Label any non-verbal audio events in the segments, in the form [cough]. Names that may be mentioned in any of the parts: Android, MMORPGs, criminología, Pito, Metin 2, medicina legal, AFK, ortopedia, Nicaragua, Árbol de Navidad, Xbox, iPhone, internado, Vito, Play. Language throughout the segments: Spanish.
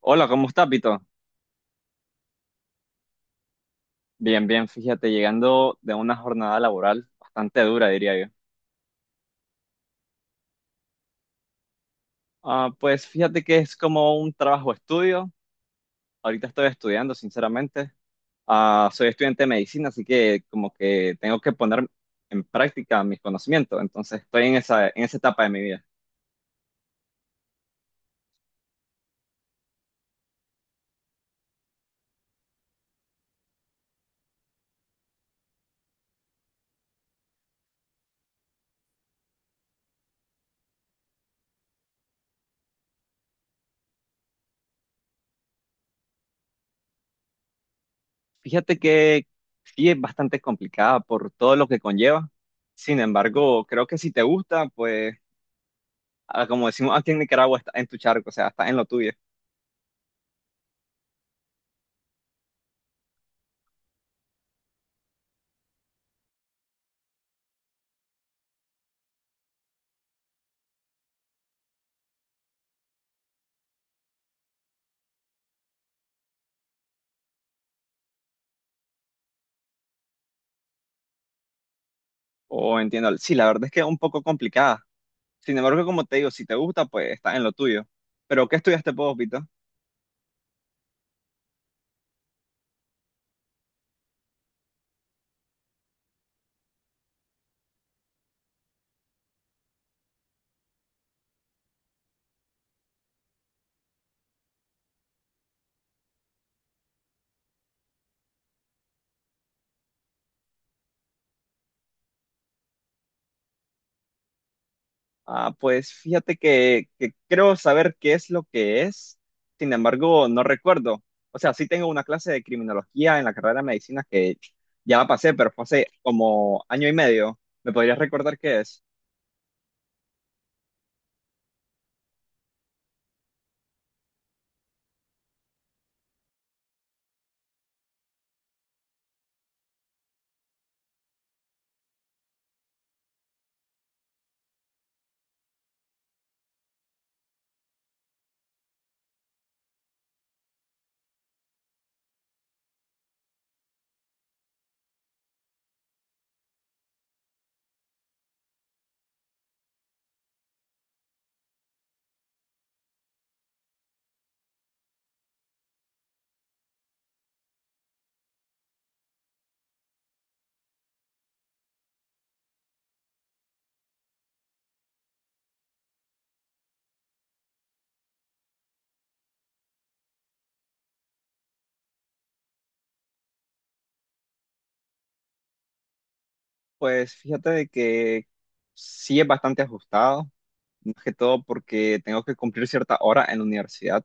Hola, ¿cómo estás, Pito? Bien, bien, fíjate, llegando de una jornada laboral bastante dura, diría yo. Ah, pues fíjate que es como un trabajo-estudio. Ahorita estoy estudiando, sinceramente. Ah, soy estudiante de medicina, así que como que tengo que poner en práctica mis conocimientos. Entonces estoy en esa etapa de mi vida. Fíjate que sí es bastante complicada por todo lo que conlleva. Sin embargo, creo que si te gusta, pues como decimos aquí en Nicaragua, está en tu charco, o sea, está en lo tuyo. O entiendo, sí, la verdad es que es un poco complicada. Sin embargo, como te digo, si te gusta, pues está en lo tuyo. Pero, ¿qué estudiaste vos, Vito? Ah, pues fíjate que creo saber qué es lo que es. Sin embargo, no recuerdo. O sea, sí tengo una clase de criminología en la carrera de medicina que ya la pasé, pero fue hace como año y medio. ¿Me podrías recordar qué es? Pues fíjate de que sí es bastante ajustado, más que todo porque tengo que cumplir cierta hora en la universidad.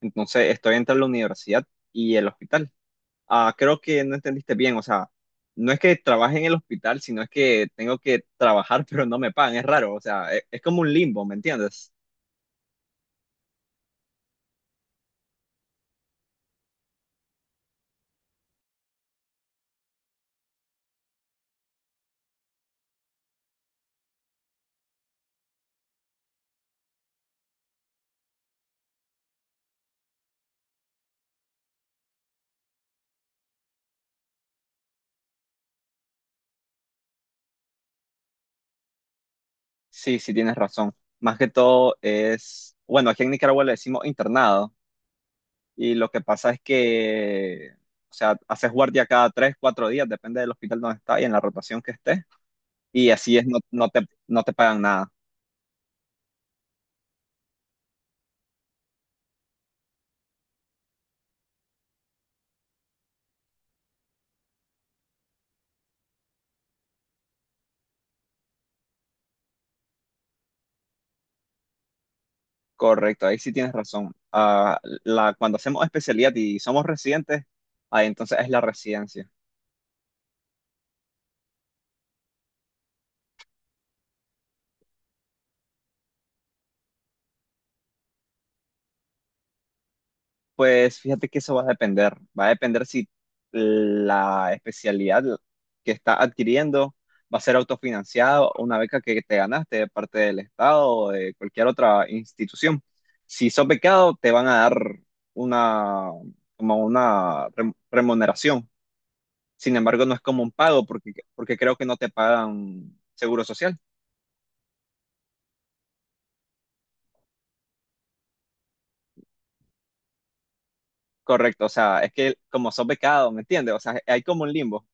Entonces estoy entre la universidad y el hospital. Ah, creo que no entendiste bien, o sea, no es que trabaje en el hospital, sino es que tengo que trabajar, [laughs] pero no me pagan, es raro, o sea, es, como un limbo, ¿me entiendes? Sí, sí, tienes razón. Más que todo es, bueno, aquí en Nicaragua le decimos internado, y lo que pasa es que, o sea, haces guardia cada tres, cuatro días, depende del hospital donde estás y en la rotación que estés, y así es, no, no te pagan nada. Correcto, ahí sí tienes razón. Ah, cuando hacemos especialidad y somos residentes, ahí entonces es la residencia. Pues fíjate que eso va a depender. Va a depender si la especialidad que está adquiriendo va a ser autofinanciado, una beca que te ganaste de parte del Estado o de cualquier otra institución. Si sos becado, te van a dar una, como una remuneración. Sin embargo, no es como un pago porque creo que no te pagan seguro social. Correcto, o sea, es que como sos becado, ¿me entiendes? O sea, hay como un limbo.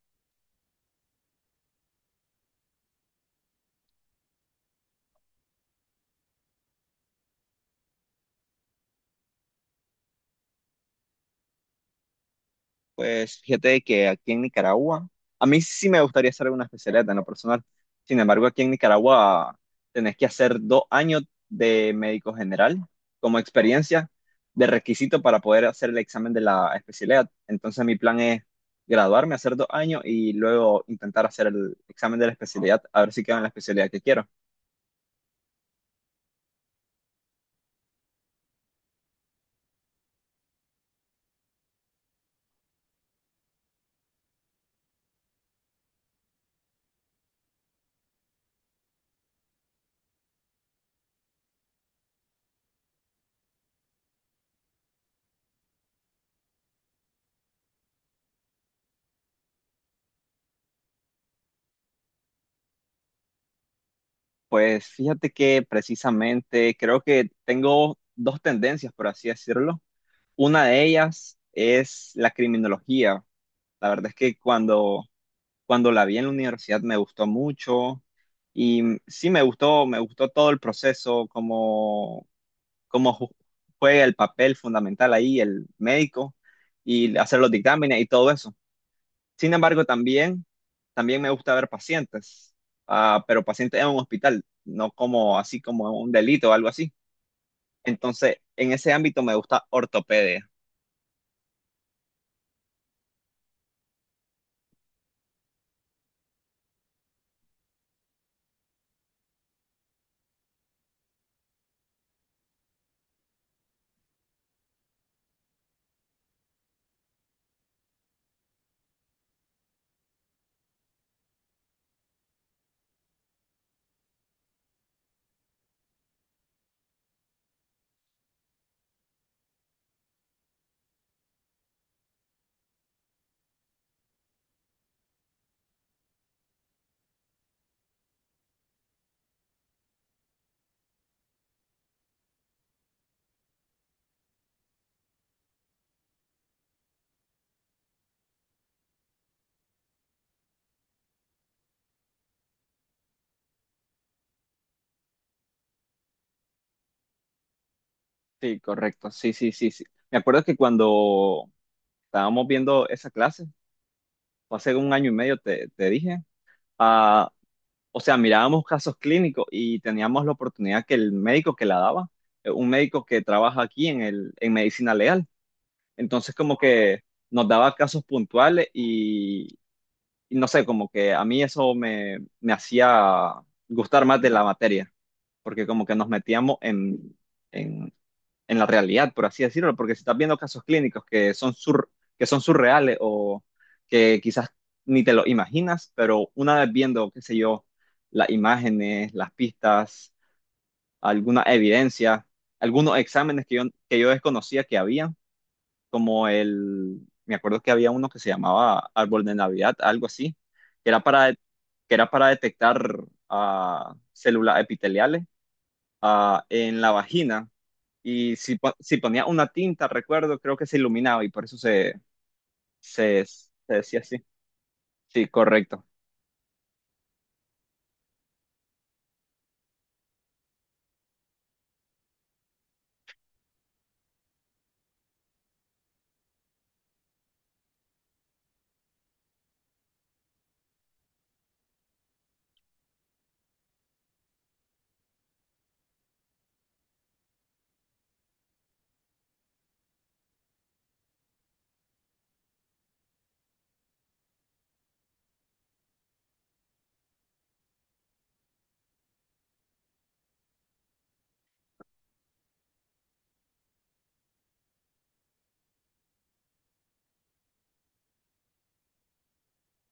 Pues fíjate que aquí en Nicaragua, a mí sí me gustaría hacer una especialidad en lo personal. Sin embargo, aquí en Nicaragua tenés que hacer 2 años de médico general como experiencia de requisito para poder hacer el examen de la especialidad. Entonces mi plan es graduarme, hacer 2 años y luego intentar hacer el examen de la especialidad, a ver si quedo en la especialidad que quiero. Pues fíjate que precisamente creo que tengo dos tendencias, por así decirlo. Una de ellas es la criminología. La verdad es que cuando la vi en la universidad me gustó mucho y sí me gustó todo el proceso, cómo juega el papel fundamental ahí el médico y hacer los dictámenes y todo eso. Sin embargo, también me gusta ver pacientes, ah, pero pacientes en un hospital, no como así como un delito o algo así. Entonces, en ese ámbito me gusta ortopedia. Sí, correcto. Sí, sí, sí, sí. Me acuerdo que cuando estábamos viendo esa clase, o hace un año y medio te dije, ah, o sea, mirábamos casos clínicos y teníamos la oportunidad que el médico que la daba, un médico que trabaja aquí en el, en medicina legal. Entonces, como que nos daba casos puntuales y no sé, como que a mí eso me hacía gustar más de la materia, porque como que nos metíamos en, en la realidad, por así decirlo, porque si estás viendo casos clínicos que que son surreales o que quizás ni te lo imaginas, pero una vez viendo, qué sé yo, las imágenes, las pistas, alguna evidencia, algunos exámenes que yo desconocía que había como el, me acuerdo que había uno que se llamaba Árbol de Navidad, algo así, que era para detectar células epiteliales en la vagina. Y si, si ponía una tinta, recuerdo, creo que se iluminaba y por eso se decía así. Sí, correcto.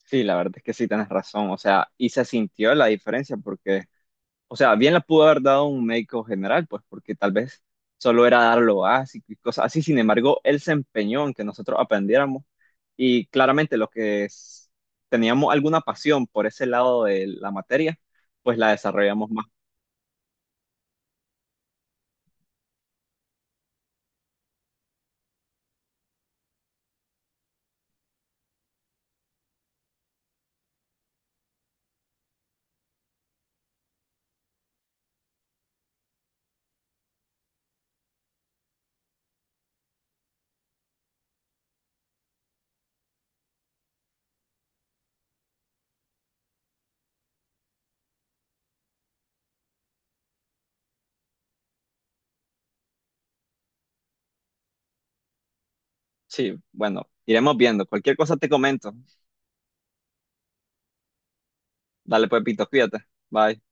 Sí, la verdad es que sí, tienes razón. O sea, y se sintió la diferencia porque o sea, bien la pudo haber dado un médico general, pues porque tal vez solo era dar lo básico y cosas así. Sin embargo, él se empeñó en que nosotros aprendiéramos y claramente lo que teníamos alguna pasión por ese lado de la materia, pues la desarrollamos más. Sí, bueno, iremos viendo. Cualquier cosa te comento. Dale pues, Pito, cuídate. Bye.